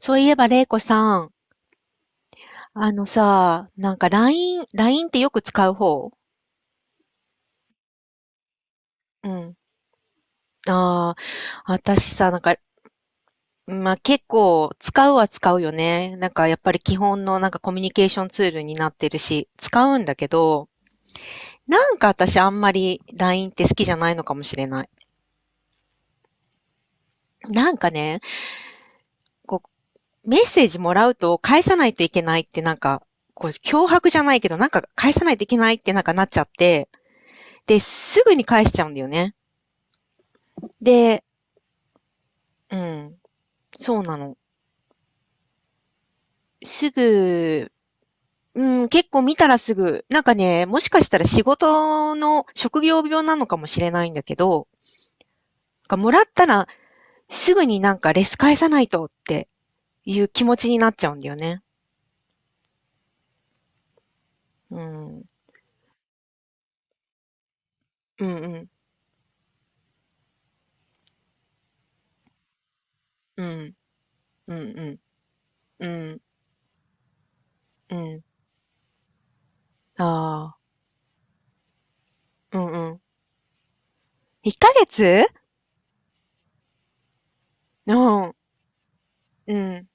そういえば、れいこさん、あのさ、なんか LINE、ラインってよく使う方？うん。ああ、私さ、なんか、まあ、結構使うは使うよね。なんかやっぱり基本のなんかコミュニケーションツールになってるし、使うんだけど、なんか私あんまり LINE って好きじゃないのかもしれない。なんかね、こう、メッセージもらうと返さないといけないってなんか、こう、脅迫じゃないけど、なんか返さないといけないってなんかなっちゃって、で、すぐに返しちゃうんだよね。で、うん、そうなの。すぐ、うん、結構見たらすぐ、なんかね、もしかしたら仕事の職業病なのかもしれないんだけど、がもらったらすぐになんかレス返さないとっていう気持ちになっちゃうんだよね。うん。うんうん。うん。うんうん。うん。うん。ああ。うんうんうんああうんうん1ヶ月うん。うん。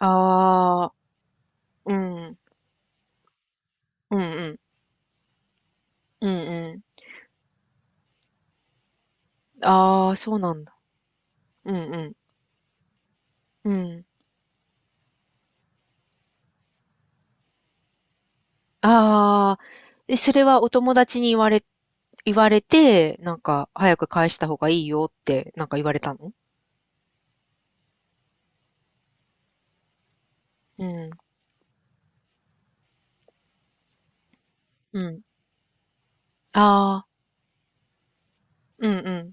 ああ。うん。うんうん。うんうん。ああ、そうなんだ。うんうん。うん。ああ、え、それはお友達に言われて、なんか、早く返した方がいいよって、なんか言われたの？うん、うん。ああ、うんう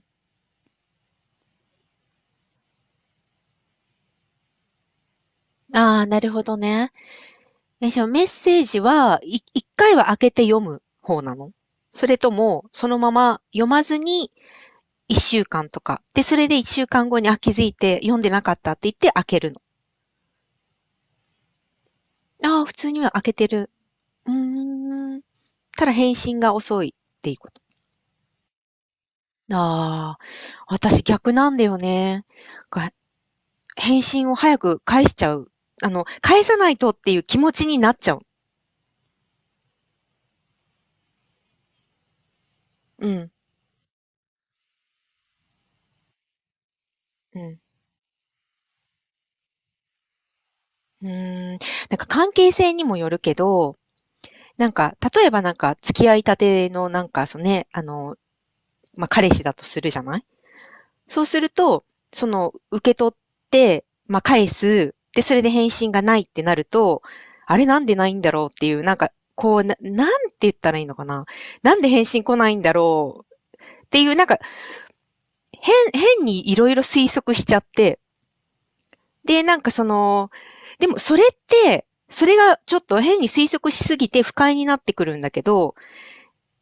ん。ああ、なるほどね。え、じゃあメッセージは、一回は開けて読む方なの？それとも、そのまま読まずに、一週間とか。で、それで一週間後に、あ、気づいて読んでなかったって言って開けるの。ああ、普通には開けてる。うーん。ただ返信が遅いっていうこと。ああ。私逆なんだよね。が、返信を早く返しちゃう。あの、返さないとっていう気持ちになっちゃう。うん。うん。うーん。なんか関係性にもよるけど、なんか、例えばなんか付き合いたてのなんか、そのね、あの、まあ、彼氏だとするじゃない？そうすると、その、受け取って、まあ、返す。で、それで返信がないってなると、あれなんでないんだろうっていう、なんか、こう、なんて言ったらいいのかな。なんで返信来ないんだろうっていう、なんか、変にいろいろ推測しちゃって、で、なんかその、でもそれって、それがちょっと変に推測しすぎて不快になってくるんだけど、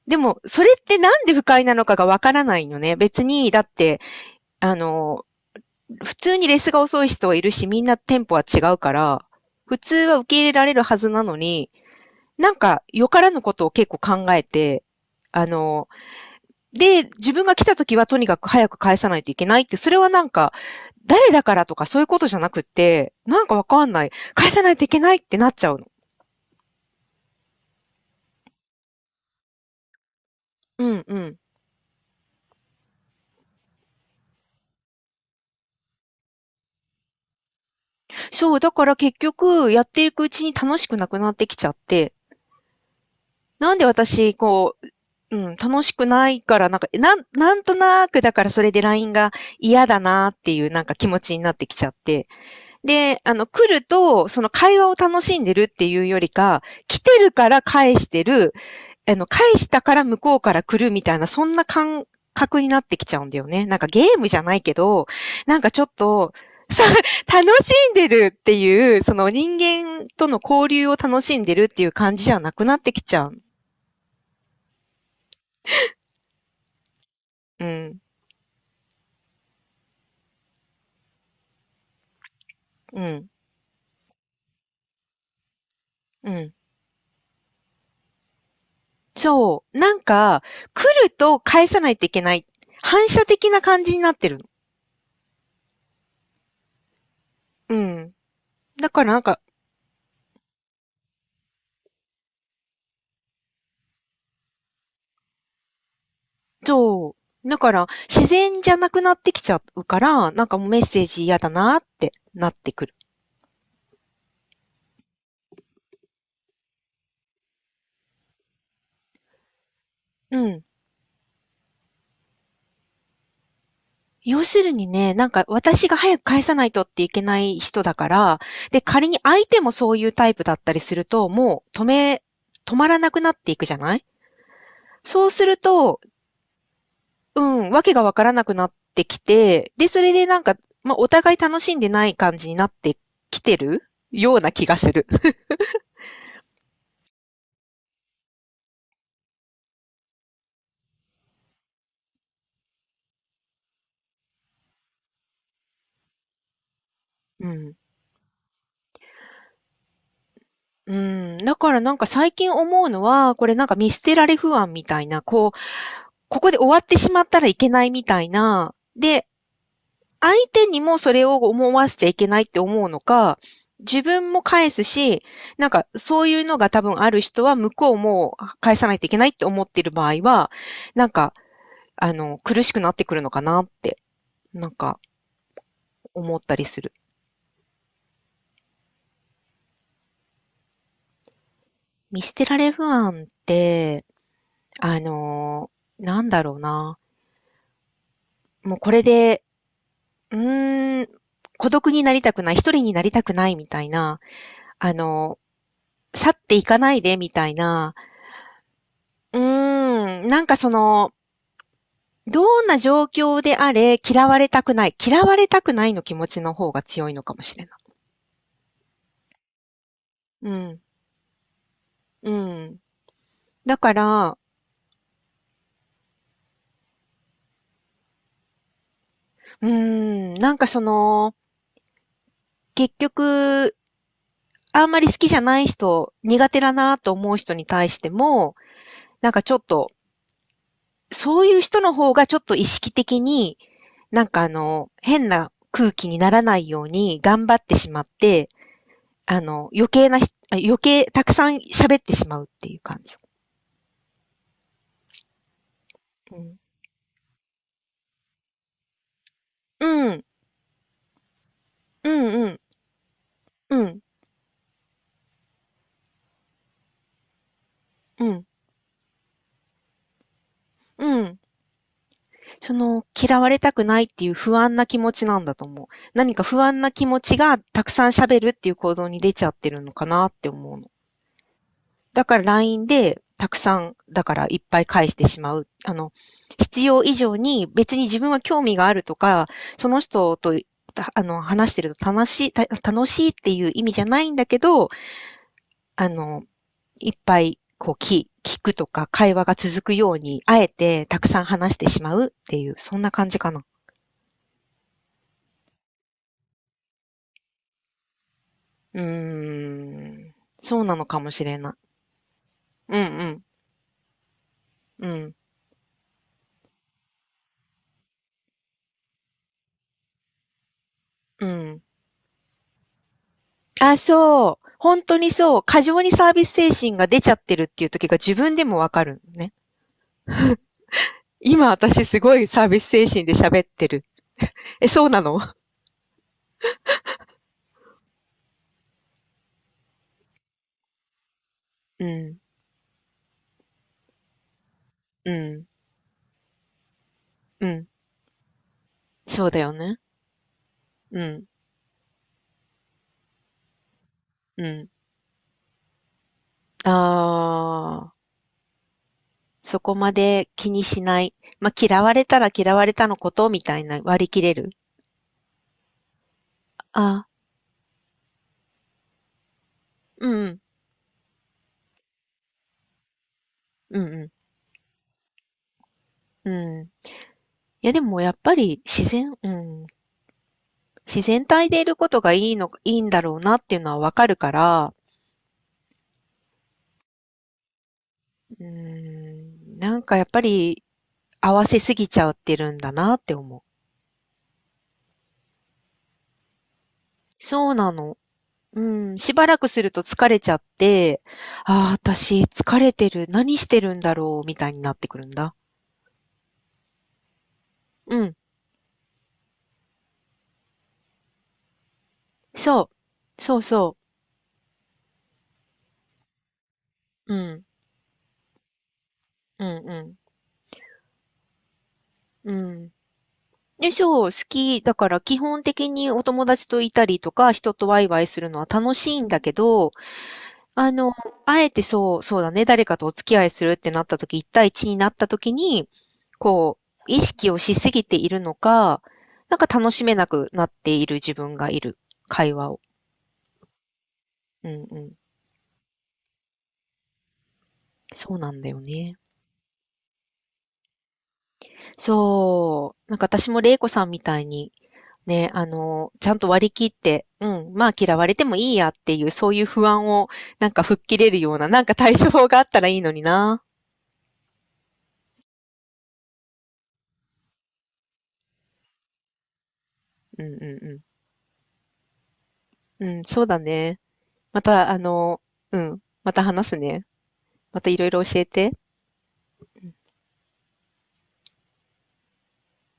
でもそれってなんで不快なのかがわからないのね。別に、だって、あの、普通にレスが遅い人はいるし、みんなテンポは違うから、普通は受け入れられるはずなのに、なんかよからぬことを結構考えて、あの、で、自分が来た時はとにかく早く返さないといけないって、それはなんか、誰だからとかそういうことじゃなくって、なんかわかんない。返さないといけないってなっちゃうの。うんうん。そう、だから結局、やっていくうちに楽しくなくなってきちゃって、なんで私、こう、うん、楽しくないから、なんか、なんとなく、だからそれで LINE が嫌だなっていうなんか気持ちになってきちゃって。で、あの、来ると、その会話を楽しんでるっていうよりか、来てるから返してる、あの、返したから向こうから来るみたいな、そんな感覚になってきちゃうんだよね。なんかゲームじゃないけど、なんかちょっと楽しんでるっていう、その人間との交流を楽しんでるっていう感じじゃなくなってきちゃう。うん、うん、うん。そう。なんか、来ると返さないといけない。反射的な感じになってるの。うん。だからなんか、そう。だから、自然じゃなくなってきちゃうから、なんかもうメッセージ嫌だなってなってくる。うん。要するにね、なんか私が早く返さないとっていけない人だから、で、仮に相手もそういうタイプだったりすると、もう止め、止まらなくなっていくじゃない？そうすると、うん、わけがわからなくなってきて、で、それでなんか、まあ、お互い楽しんでない感じになってきてるような気がする。うん。うん。だからなんか最近思うのは、これなんか見捨てられ不安みたいな、こう、ここで終わってしまったらいけないみたいな、で、相手にもそれを思わせちゃいけないって思うのか、自分も返すし、なんかそういうのが多分ある人は向こうも返さないといけないって思っている場合は、なんか、あの、苦しくなってくるのかなって、なんか思ったりする。見捨てられ不安って、あの、なんだろうな。もうこれで、うーん、孤独になりたくない、一人になりたくないみたいな、あの、去っていかないでみたいな、うーん、なんかその、どんな状況であれ、嫌われたくない。嫌われたくないの気持ちの方が強いのかもしれない。うん、うん。だから、うーん、なんかその、結局、あんまり好きじゃない人、苦手だなと思う人に対しても、なんかちょっと、そういう人の方がちょっと意識的に、なんかあの、変な空気にならないように頑張ってしまって、あの、余計なひあ、余計たくさん喋ってしまうっていう感じ。うん、うん、うん、うん、うん、うん。その、嫌われたくないっていう不安な気持ちなんだと思う。何か不安な気持ちがたくさん喋るっていう行動に出ちゃってるのかなって思うの。だから LINE でたくさん、だからいっぱい返してしまう。あの、必要以上に別に自分は興味があるとか、その人とあの、話してると楽しい、楽しいっていう意味じゃないんだけど、あの、いっぱいこう聞くとか会話が続くように、あえてたくさん話してしまうっていう、そんな感じかな。うーん。そうなのかもしれない。うんうん。うん。うん。あ、そう。本当にそう。過剰にサービス精神が出ちゃってるっていう時が自分でもわかるね。今私すごいサービス精神で喋ってる。え、そうなの？うん。うん。うん。そうだよね。うん。うん。ああ。そこまで気にしない。まあ、嫌われたら嫌われたのことみたいな割り切れる。あ、うんうん、うんうん、うん。いや、でもやっぱり自然、うん、自然体でいることがいいの、いいんだろうなっていうのはわかるから、うーん、なんかやっぱり合わせすぎちゃってるんだなって思う。そうなの。うん、しばらくすると疲れちゃって、ああ、私疲れてる、何してるんだろう、みたいになってくるんだ。うん、そう、そうそう。うん、うん、うん、うん。でしょう、好きだから基本的にお友達といたりとか、人とワイワイするのは楽しいんだけど、あの、あえてそう、そうだね、誰かとお付き合いするってなった時、一対一になった時に、こう、意識をしすぎているのか、なんか楽しめなくなっている自分がいる、会話を。うんうん。そうなんだよね。そう。なんか私も玲子さんみたいに、ね、あの、ちゃんと割り切って、うん、まあ嫌われてもいいやっていう、そういう不安をなんか吹っ切れるような、なんか対処法があったらいいのにな。うんうんうん。うん、そうだね。また、あの、うん、また話すね。またいろいろ教えて。